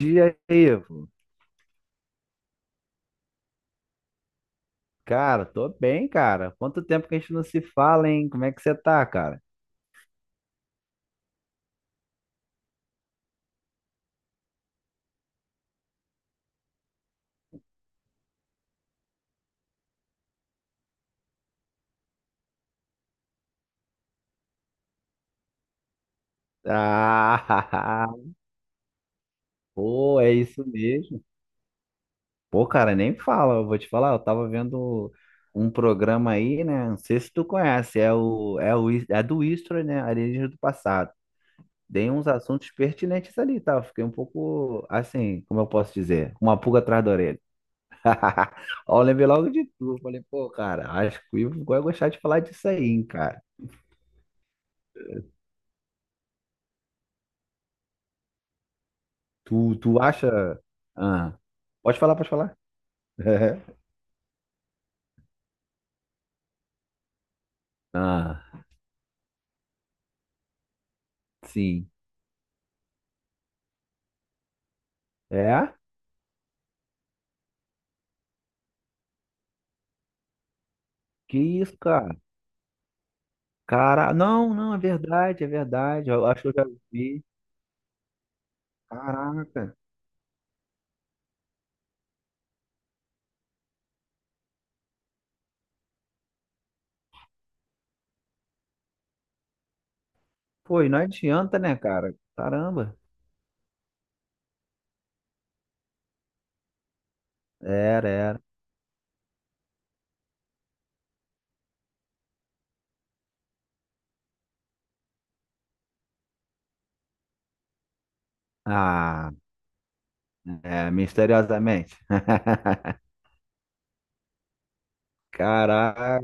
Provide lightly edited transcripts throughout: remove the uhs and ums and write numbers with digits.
Dia, Ivo. Cara, tô bem, cara. Quanto tempo que a gente não se fala, hein? Como é que você tá, cara? Ah, pô, é isso mesmo. Pô, cara, nem fala. Eu vou te falar, eu tava vendo um programa aí, né? Não sei se tu conhece, é o é o é do History, né? Alienígenas do passado. Tem uns assuntos pertinentes ali, tá? Eu fiquei um pouco assim, como eu posso dizer, uma pulga atrás da orelha. Ó, eu lembrei logo de tu. Falei, pô, cara, acho que o Ivo vai gostar de falar disso aí, hein, cara. Tu acha. Ah, pode falar, pode falar. Ah, sim. É? Que isso, cara? Cara, não, não, é verdade, é verdade. Eu acho que eu já vi. Caraca. Pô, e não adianta, né, cara? Caramba. Era, era. Ah, é, misteriosamente. Caraca.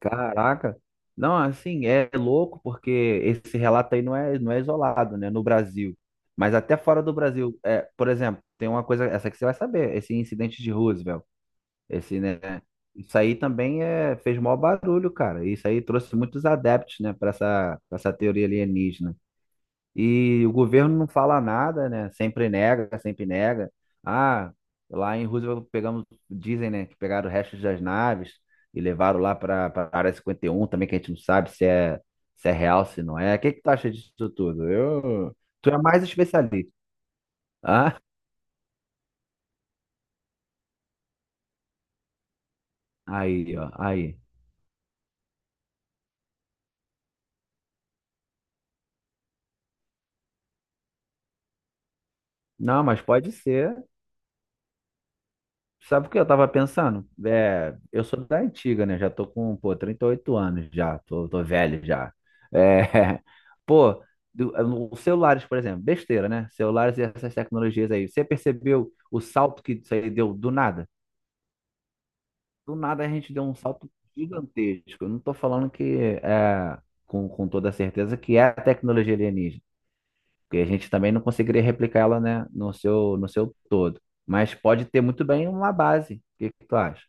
Caraca. Não, assim, é louco porque esse relato aí não é isolado, né, no Brasil. Mas até fora do Brasil, é, por exemplo, tem uma coisa, essa que você vai saber, esse incidente de Roosevelt, esse, né, isso aí também é, fez maior barulho, cara. Isso aí trouxe muitos adeptos, né, para pra essa teoria alienígena. E o governo não fala nada, né? Sempre nega, sempre nega. Ah, lá em Roosevelt pegamos, dizem, né, que pegaram restos das naves e levaram lá para a Área 51. Também, que a gente não sabe se é real, se não é. O que que tu acha disso tudo? Tu é mais especialista. Ah, aí, ó, aí. Não, mas pode ser. Sabe o que eu tava pensando? É, eu sou da antiga, né? Já tô com, pô, 38 anos já, tô velho já. É, pô, do- os celulares, por exemplo, besteira, né? Celulares e essas tecnologias aí. Você percebeu o salto que isso aí deu do nada? Do nada a gente deu um salto gigantesco. Eu não tô falando que é, com toda certeza que é a tecnologia alienígena, porque a gente também não conseguiria replicar ela, né, no seu todo. Mas pode ter muito bem uma base. O que que tu acha?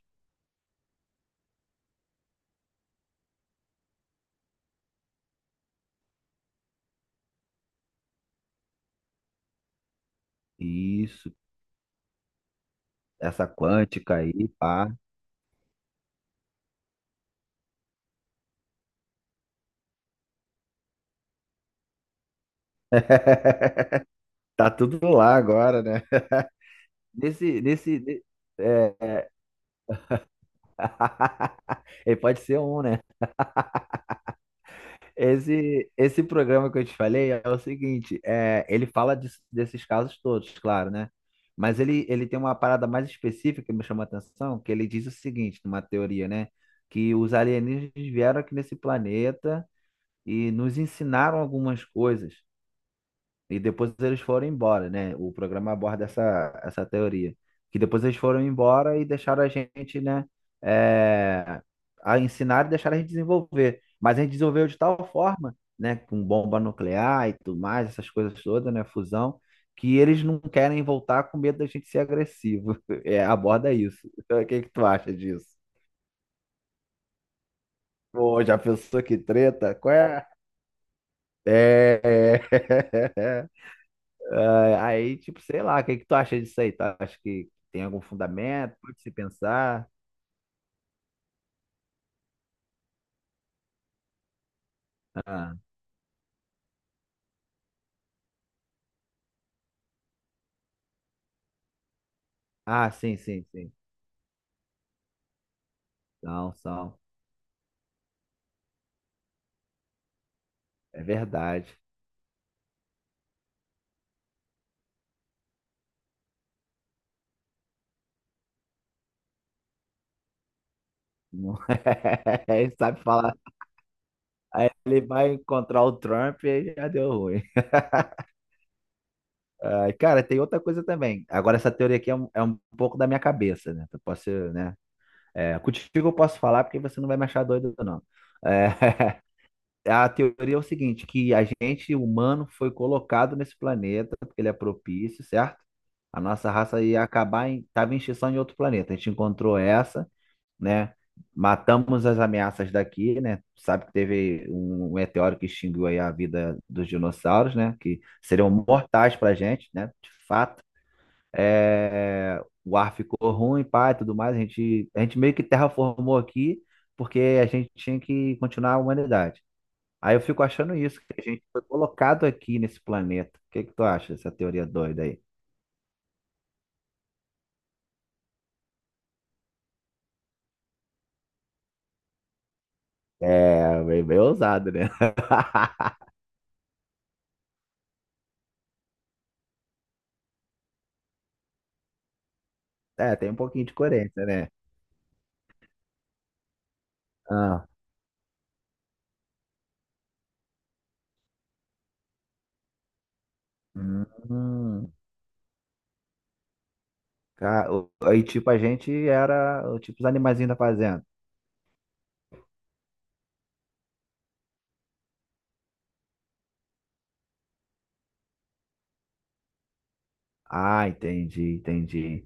Isso, essa quântica aí, pá. Tá tudo lá agora, né? Nesse, nesse, ne- É, é. Ele pode ser um, né? Esse programa que eu te falei é o seguinte, é, ele fala desses casos todos, claro, né? Mas ele tem uma parada mais específica que me chama a atenção, que ele diz o seguinte, numa teoria, né? Que os alienígenas vieram aqui nesse planeta e nos ensinaram algumas coisas. E depois eles foram embora, né? O programa aborda essa teoria. Que depois eles foram embora e deixaram a gente, né? É, a ensinar e deixaram a gente desenvolver. Mas a gente desenvolveu de tal forma, né? Com bomba nuclear e tudo mais, essas coisas todas, né? Fusão, que eles não querem voltar com medo da gente ser agressivo. É, aborda isso. O que que tu acha disso? Pô, já pensou que treta? Qual é? É. Ah, aí, tipo, sei lá, o que que tu acha disso aí? Tu acha que tem algum fundamento? Pode se pensar? Ah, ah, sim, sim, sim. São, são. É verdade. Não- Ele sabe falar. Aí ele vai encontrar o Trump e aí já deu ruim. Ah, cara, tem outra coisa também. Agora, essa teoria aqui é um, pouco da minha cabeça, né? Eu posso, né? É, contigo eu posso falar porque você não vai me achar doido, não. É, a teoria é o seguinte, que a gente humano foi colocado nesse planeta porque ele é propício, certo? A nossa raça ia acabar tava em extinção em outro planeta. A gente encontrou essa, né? Matamos as ameaças daqui, né? Sabe que teve um meteoro que extinguiu aí a vida dos dinossauros, né? Que seriam mortais pra gente, né? De fato. É, o ar ficou ruim, pá, e tudo mais. A gente meio que terraformou aqui porque a gente tinha que continuar a humanidade. Aí eu fico achando isso, que a gente foi colocado aqui nesse planeta. O que que tu acha dessa teoria doida aí? É, bem, bem ousado, né? É, tem um pouquinho de coerência, né? Ah, hum, aí, tipo, a gente era, tipo, os animaizinhos da fazenda. Ah, entendi, entendi.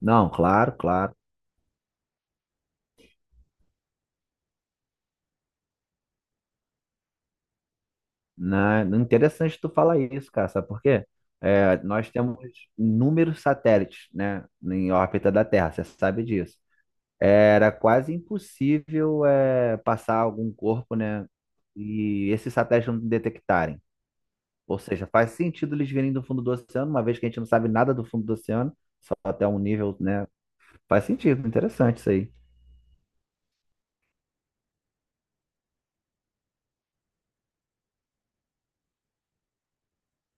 Não, claro, claro. Interessante tu falar isso, cara, sabe por quê? É, nós temos inúmeros satélites, né, em órbita da Terra, você sabe disso. Era quase impossível passar algum corpo, né? E esses satélites não detectarem. Ou seja, faz sentido eles virem do fundo do oceano, uma vez que a gente não sabe nada do fundo do oceano, só até um nível, né? Faz sentido, interessante isso aí.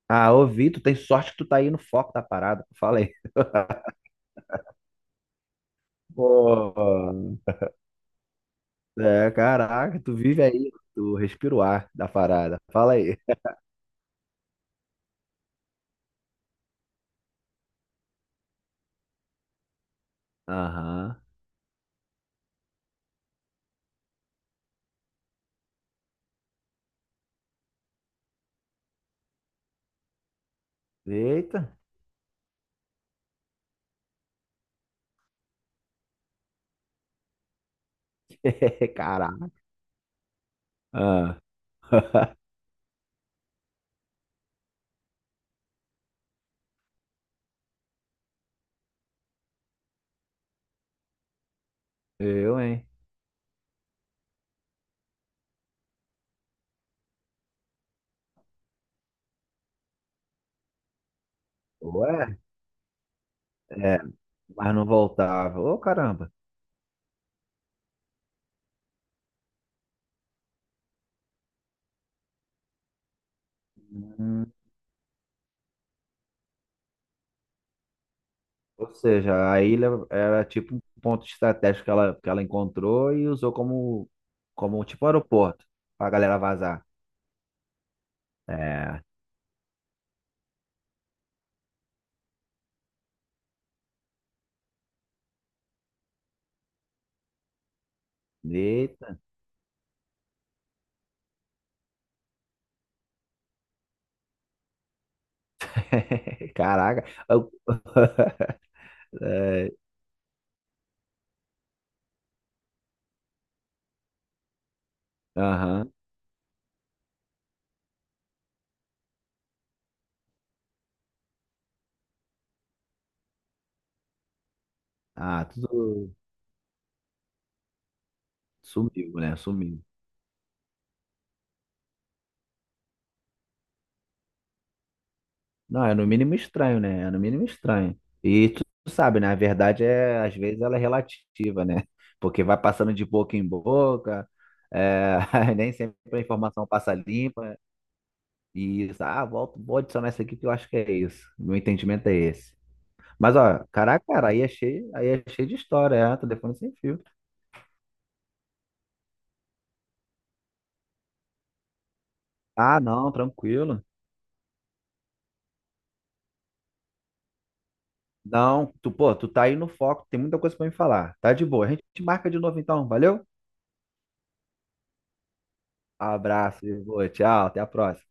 Ah, ouvi, tu tem sorte que tu tá aí no foco da parada, falei. Pô, é, caraca, tu vive aí, tu respira o ar da parada, fala aí. Aham, eita, caraca. Ah, eu, hein? Ué? É. Mas não voltava. Ô, caramba. Hum, Ou seja, a ilha era tipo um ponto estratégico que ela encontrou e usou como tipo aeroporto pra galera vazar. É. Eita. Caraca. É, aham. Ah, tudo sumiu, né? Sumiu. Não, é no mínimo estranho, né? É no mínimo estranho. E tu sabe, né? A verdade é, às vezes, ela é relativa, né? Porque vai passando de boca em boca, é, nem sempre a informação passa limpa. E isso, ah, volto, vou adicionar isso aqui que eu acho que é isso. Meu entendimento é esse. Mas, ó, caraca, cara, aí é cheio de história, é, telefone sem fio. Ah, não, tranquilo. Não, tu, pô, tu tá aí no foco, tem muita coisa pra me falar. Tá de boa. A gente marca de novo então, valeu? Abraço, Ivo, tchau, até a próxima.